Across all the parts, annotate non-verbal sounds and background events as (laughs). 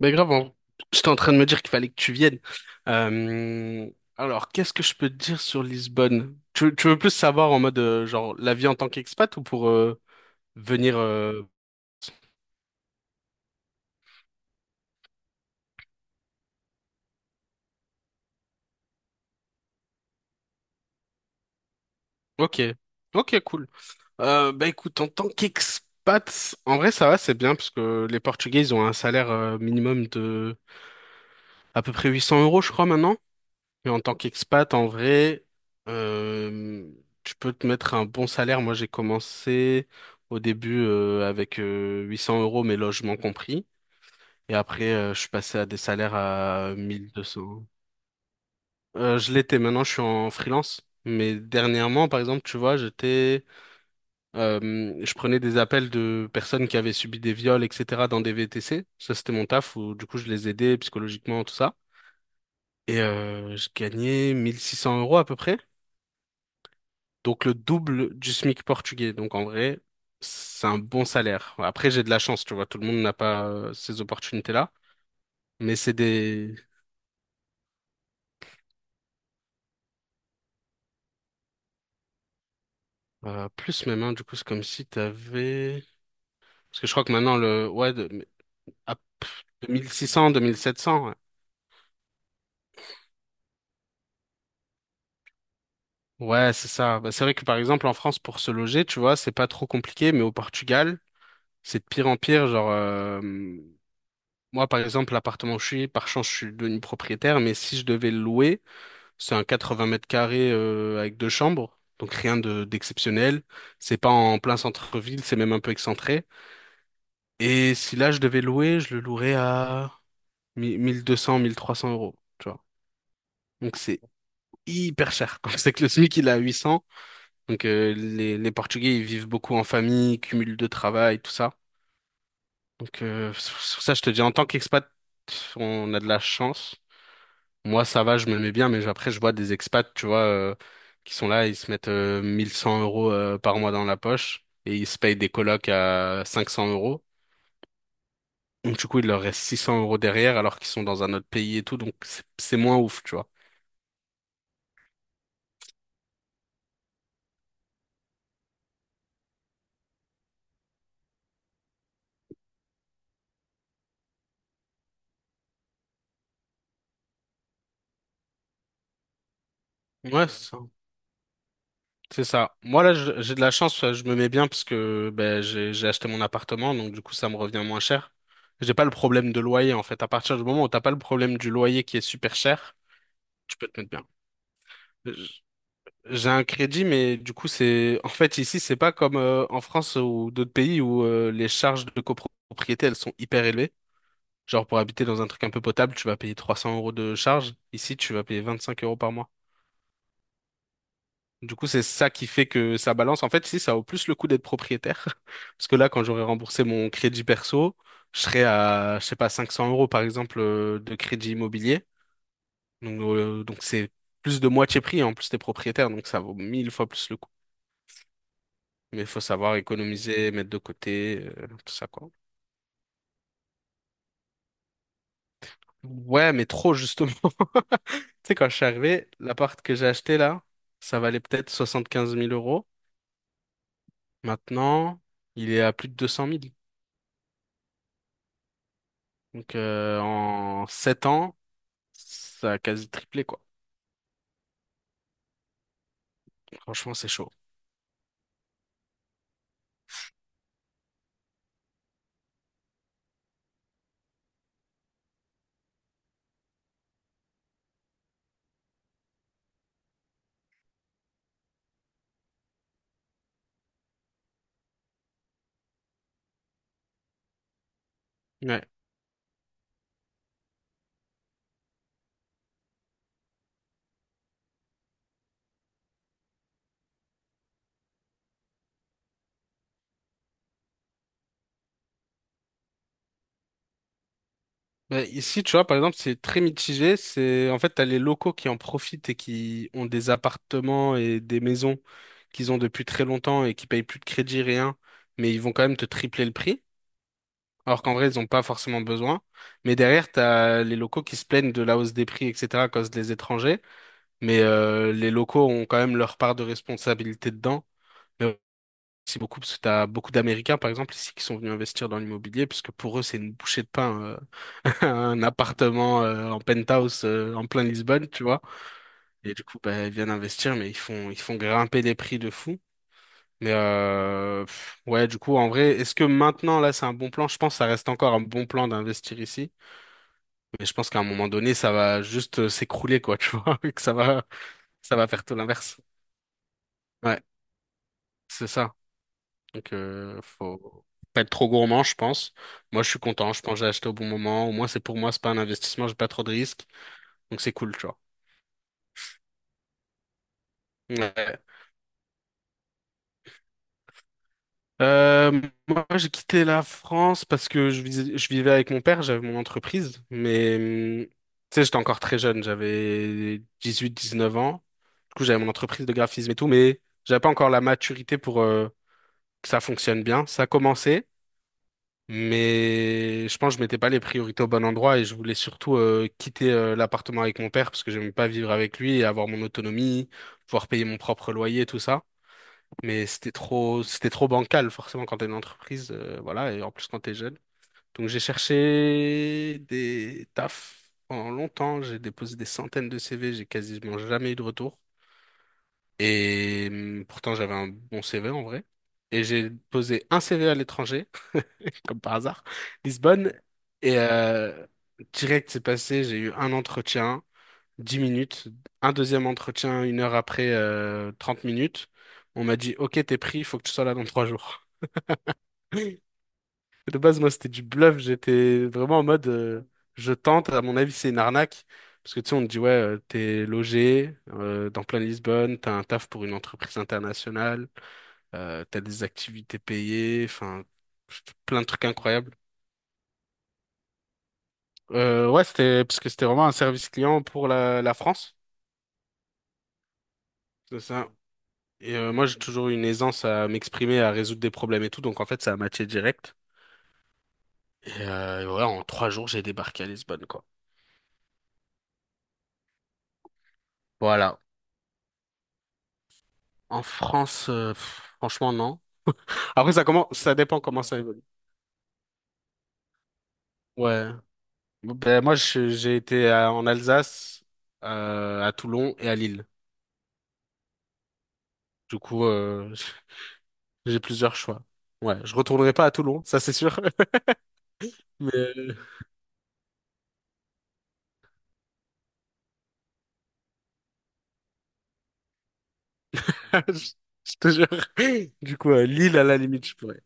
Mais grave, j'étais en train de me dire qu'il fallait que tu viennes. Euh, alors, qu'est-ce que je peux te dire sur Lisbonne? Tu veux plus savoir en mode, genre, la vie en tant qu'expat ou pour venir. Ok, ok, cool. Bah écoute, en tant qu'expat, en vrai, ça va, c'est bien, parce que les Portugais, ils ont un salaire minimum de à peu près 800 euros, je crois, maintenant. Et en tant qu'expat, en vrai, euh, tu peux te mettre un bon salaire. Moi, j'ai commencé au début avec 800 euros, mes logements compris. Et après, je suis passé à des salaires à 1200 euros. Je l'étais, maintenant, je suis en freelance. Mais dernièrement, par exemple, tu vois, je prenais des appels de personnes qui avaient subi des viols, etc., dans des VTC. Ça, c'était mon taf où, du coup, je les aidais psychologiquement, tout ça. Et je gagnais 1600 € à peu près. Donc le double du SMIC portugais. Donc en vrai, c'est un bon salaire. Après, j'ai de la chance, tu vois, tout le monde n'a pas ces opportunités-là, mais c'est des plus même, hein, du coup, c'est comme si tu avais parce que je crois que maintenant le ouais de, à 2600, 2700. Ouais, ouais, c'est ça. Bah, c'est vrai que par exemple en France pour se loger, tu vois, c'est pas trop compliqué, mais au Portugal, c'est de pire en pire, genre Moi, par exemple, l'appartement où je suis, par chance, je suis devenu propriétaire, mais si je devais le louer, c'est un 80 mètres carrés avec deux chambres, donc rien de d'exceptionnel. C'est pas en plein centre-ville, c'est même un peu excentré. Et si là je devais louer, je le louerais à 1000 1200, 1300 euros, tu vois. Donc c'est hyper cher. (laughs) Quand c'est que le SMIC il est à 800, donc les Portugais ils vivent beaucoup en famille, cumul de travail, tout ça. Donc sur ça je te dis, en tant qu'expat, on a de la chance. Moi, ça va, je me mets bien, mais après, je vois des expats, tu vois, qui sont là, ils se mettent 1100 € par mois dans la poche et ils se payent des colocs à 500 euros. Donc, du coup, il leur reste 600 € derrière alors qu'ils sont dans un autre pays et tout, donc c'est moins ouf, tu vois. Ouais, c'est ça. C'est ça. Moi, là, j'ai de la chance, je me mets bien parce que ben, j'ai acheté mon appartement, donc du coup, ça me revient moins cher. J'ai pas le problème de loyer, en fait. À partir du moment où t'as pas le problème du loyer qui est super cher, tu peux te mettre bien. J'ai un crédit, mais du coup, c'est en fait ici, c'est pas comme en France ou d'autres pays où les charges de copropriété elles sont hyper élevées. Genre pour habiter dans un truc un peu potable, tu vas payer 300 € de charges. Ici, tu vas payer 25 € par mois. Du coup, c'est ça qui fait que ça balance. En fait, ici, ça vaut plus le coup d'être propriétaire. (laughs) Parce que là, quand j'aurai remboursé mon crédit perso, je serai à, je sais pas, 500 € par exemple de crédit immobilier. Donc c'est plus de moitié prix. En plus, t'es propriétaire, donc ça vaut mille fois plus le coup. Mais il faut savoir économiser, mettre de côté, tout ça, quoi. Ouais, mais trop, justement. (laughs) Tu sais, quand je suis arrivé, l'appart que j'ai acheté, là, ça valait peut-être soixante quinze mille euros. Maintenant, il est à plus de 200 000. Donc, en 7 ans, ça a quasi triplé, quoi. Franchement, c'est chaud. Ouais. Ben, ici, tu vois, par exemple, c'est très mitigé. C'est en fait, t'as les locaux qui en profitent et qui ont des appartements et des maisons qu'ils ont depuis très longtemps et qui payent plus de crédit, rien, mais ils vont quand même te tripler le prix. Alors qu'en vrai, ils n'ont pas forcément besoin. Mais derrière, t'as les locaux qui se plaignent de la hausse des prix, etc., à cause des étrangers. Mais les locaux ont quand même leur part de responsabilité dedans. Mais aussi beaucoup, parce que t'as beaucoup d'Américains, par exemple, ici, qui sont venus investir dans l'immobilier, puisque pour eux, c'est une bouchée de pain. Un appartement en penthouse en plein Lisbonne, tu vois. Et du coup, bah, ils viennent investir, mais ils font grimper les prix de fou. Mais ouais, du coup, en vrai, est-ce que maintenant, là, c'est un bon plan? Je pense que ça reste encore un bon plan d'investir ici. Mais je pense qu'à un moment donné, ça va juste s'écrouler, quoi, tu vois, (laughs) et que ça va faire tout l'inverse. Ouais, c'est ça. Donc, faut pas être trop gourmand, je pense. Moi, je suis content. Je pense que j'ai acheté au bon moment. Au moins, c'est pour moi, c'est pas un investissement, j'ai pas trop de risques. Donc, c'est cool, tu vois. Ouais. Euh, moi, j'ai quitté la France parce que je vivais avec mon père, j'avais mon entreprise, mais tu sais, j'étais encore très jeune, j'avais 18, 19 ans. Du coup, j'avais mon entreprise de graphisme et tout, mais j'avais pas encore la maturité pour que ça fonctionne bien. Ça commençait, mais je pense que je mettais pas les priorités au bon endroit et je voulais surtout quitter l'appartement avec mon père parce que j'aimais pas vivre avec lui et avoir mon autonomie, pouvoir payer mon propre loyer, tout ça. Mais c'était trop bancal, forcément, quand t'es une entreprise, voilà, et en plus quand t'es jeune. Donc j'ai cherché des tafs pendant longtemps, j'ai déposé des centaines de CV, j'ai quasiment jamais eu de retour. Et pourtant j'avais un bon CV en vrai. Et j'ai posé un CV à l'étranger, (laughs) comme par hasard, Lisbonne. Et direct c'est passé, j'ai eu un entretien, 10 minutes, un deuxième entretien une heure après, 30 minutes. On m'a dit, OK, t'es pris, il faut que tu sois là dans 3 jours. De base, moi, c'était du bluff. J'étais vraiment en mode, je tente. À mon avis, c'est une arnaque. Parce que tu sais, on te dit, ouais, t'es logé dans plein Lisbonne, t'as un taf pour une entreprise internationale, t'as des activités payées, enfin, plein de trucs incroyables. Ouais, c'était parce que c'était vraiment un service client pour la France. C'est ça. Et moi, j'ai toujours eu une aisance à m'exprimer, à résoudre des problèmes et tout. Donc, en fait, ça a matché direct. Et ouais, en 3 jours, j'ai débarqué à Lisbonne, quoi. Voilà. En France, franchement, non. Après, ça commence, ça dépend comment ça évolue. Ouais. Ben, moi, j'ai été en Alsace, à Toulon et à Lille. Du coup, (laughs) j'ai plusieurs choix. Ouais, je retournerai pas à Toulon, ça c'est sûr. (laughs) Mais (laughs) je je te jure. Du coup, Lille, à la limite, je pourrais.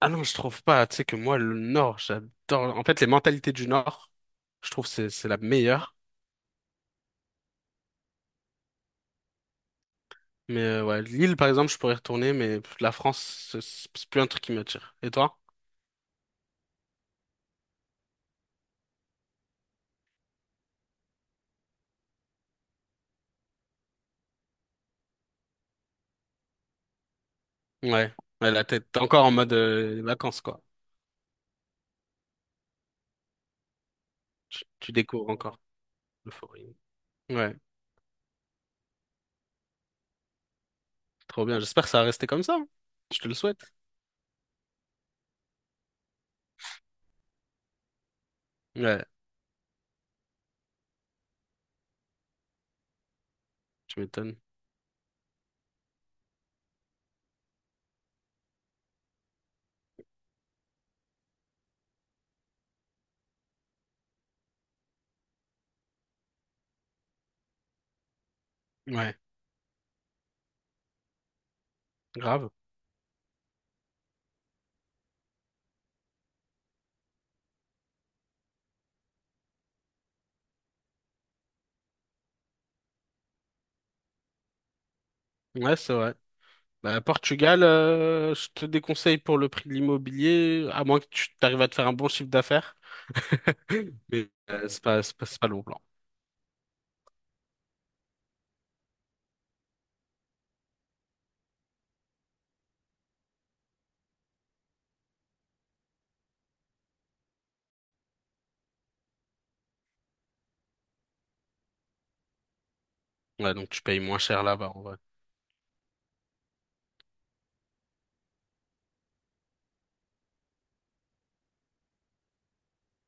Ah non, je trouve pas. Tu sais que moi, le Nord, j'adore. En fait, les mentalités du Nord, je trouve c'est la meilleure. Mais ouais, Lille, par exemple, je pourrais retourner, mais la France, c'est plus un truc qui m'attire. Et toi? Ouais, ouais, la tête. T'es encore en mode vacances, quoi. Tu découvres encore l'euphorie. Ouais, trop bien. J'espère que ça va rester comme ça, hein. Je te le souhaite. Ouais, tu m'étonnes. Ouais, grave. Ouais, c'est vrai. Bah, Portugal, je te déconseille pour le prix de l'immobilier, à moins que tu arrives à te faire un bon chiffre d'affaires. (laughs) Mais c'est pas le bon plan. Ouais, donc tu payes moins cher là-bas, en vrai.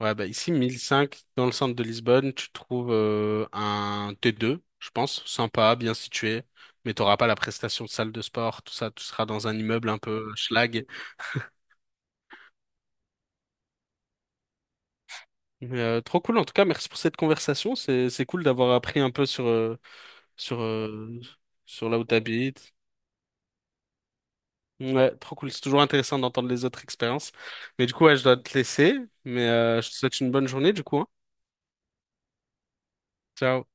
Ouais, bah ici, 1005, dans le centre de Lisbonne, tu trouves un T2, je pense, sympa, bien situé, mais t'auras pas la prestation de salle de sport, tout ça, tu seras dans un immeuble un peu schlag. Mais, trop cool, en tout cas, merci pour cette conversation, c'est cool d'avoir appris un peu sur, euh, sur là où t'habites. Ouais, trop cool, c'est toujours intéressant d'entendre les autres expériences. Mais du coup, ouais, je dois te laisser, mais je te souhaite une bonne journée, du coup, hein. Ciao.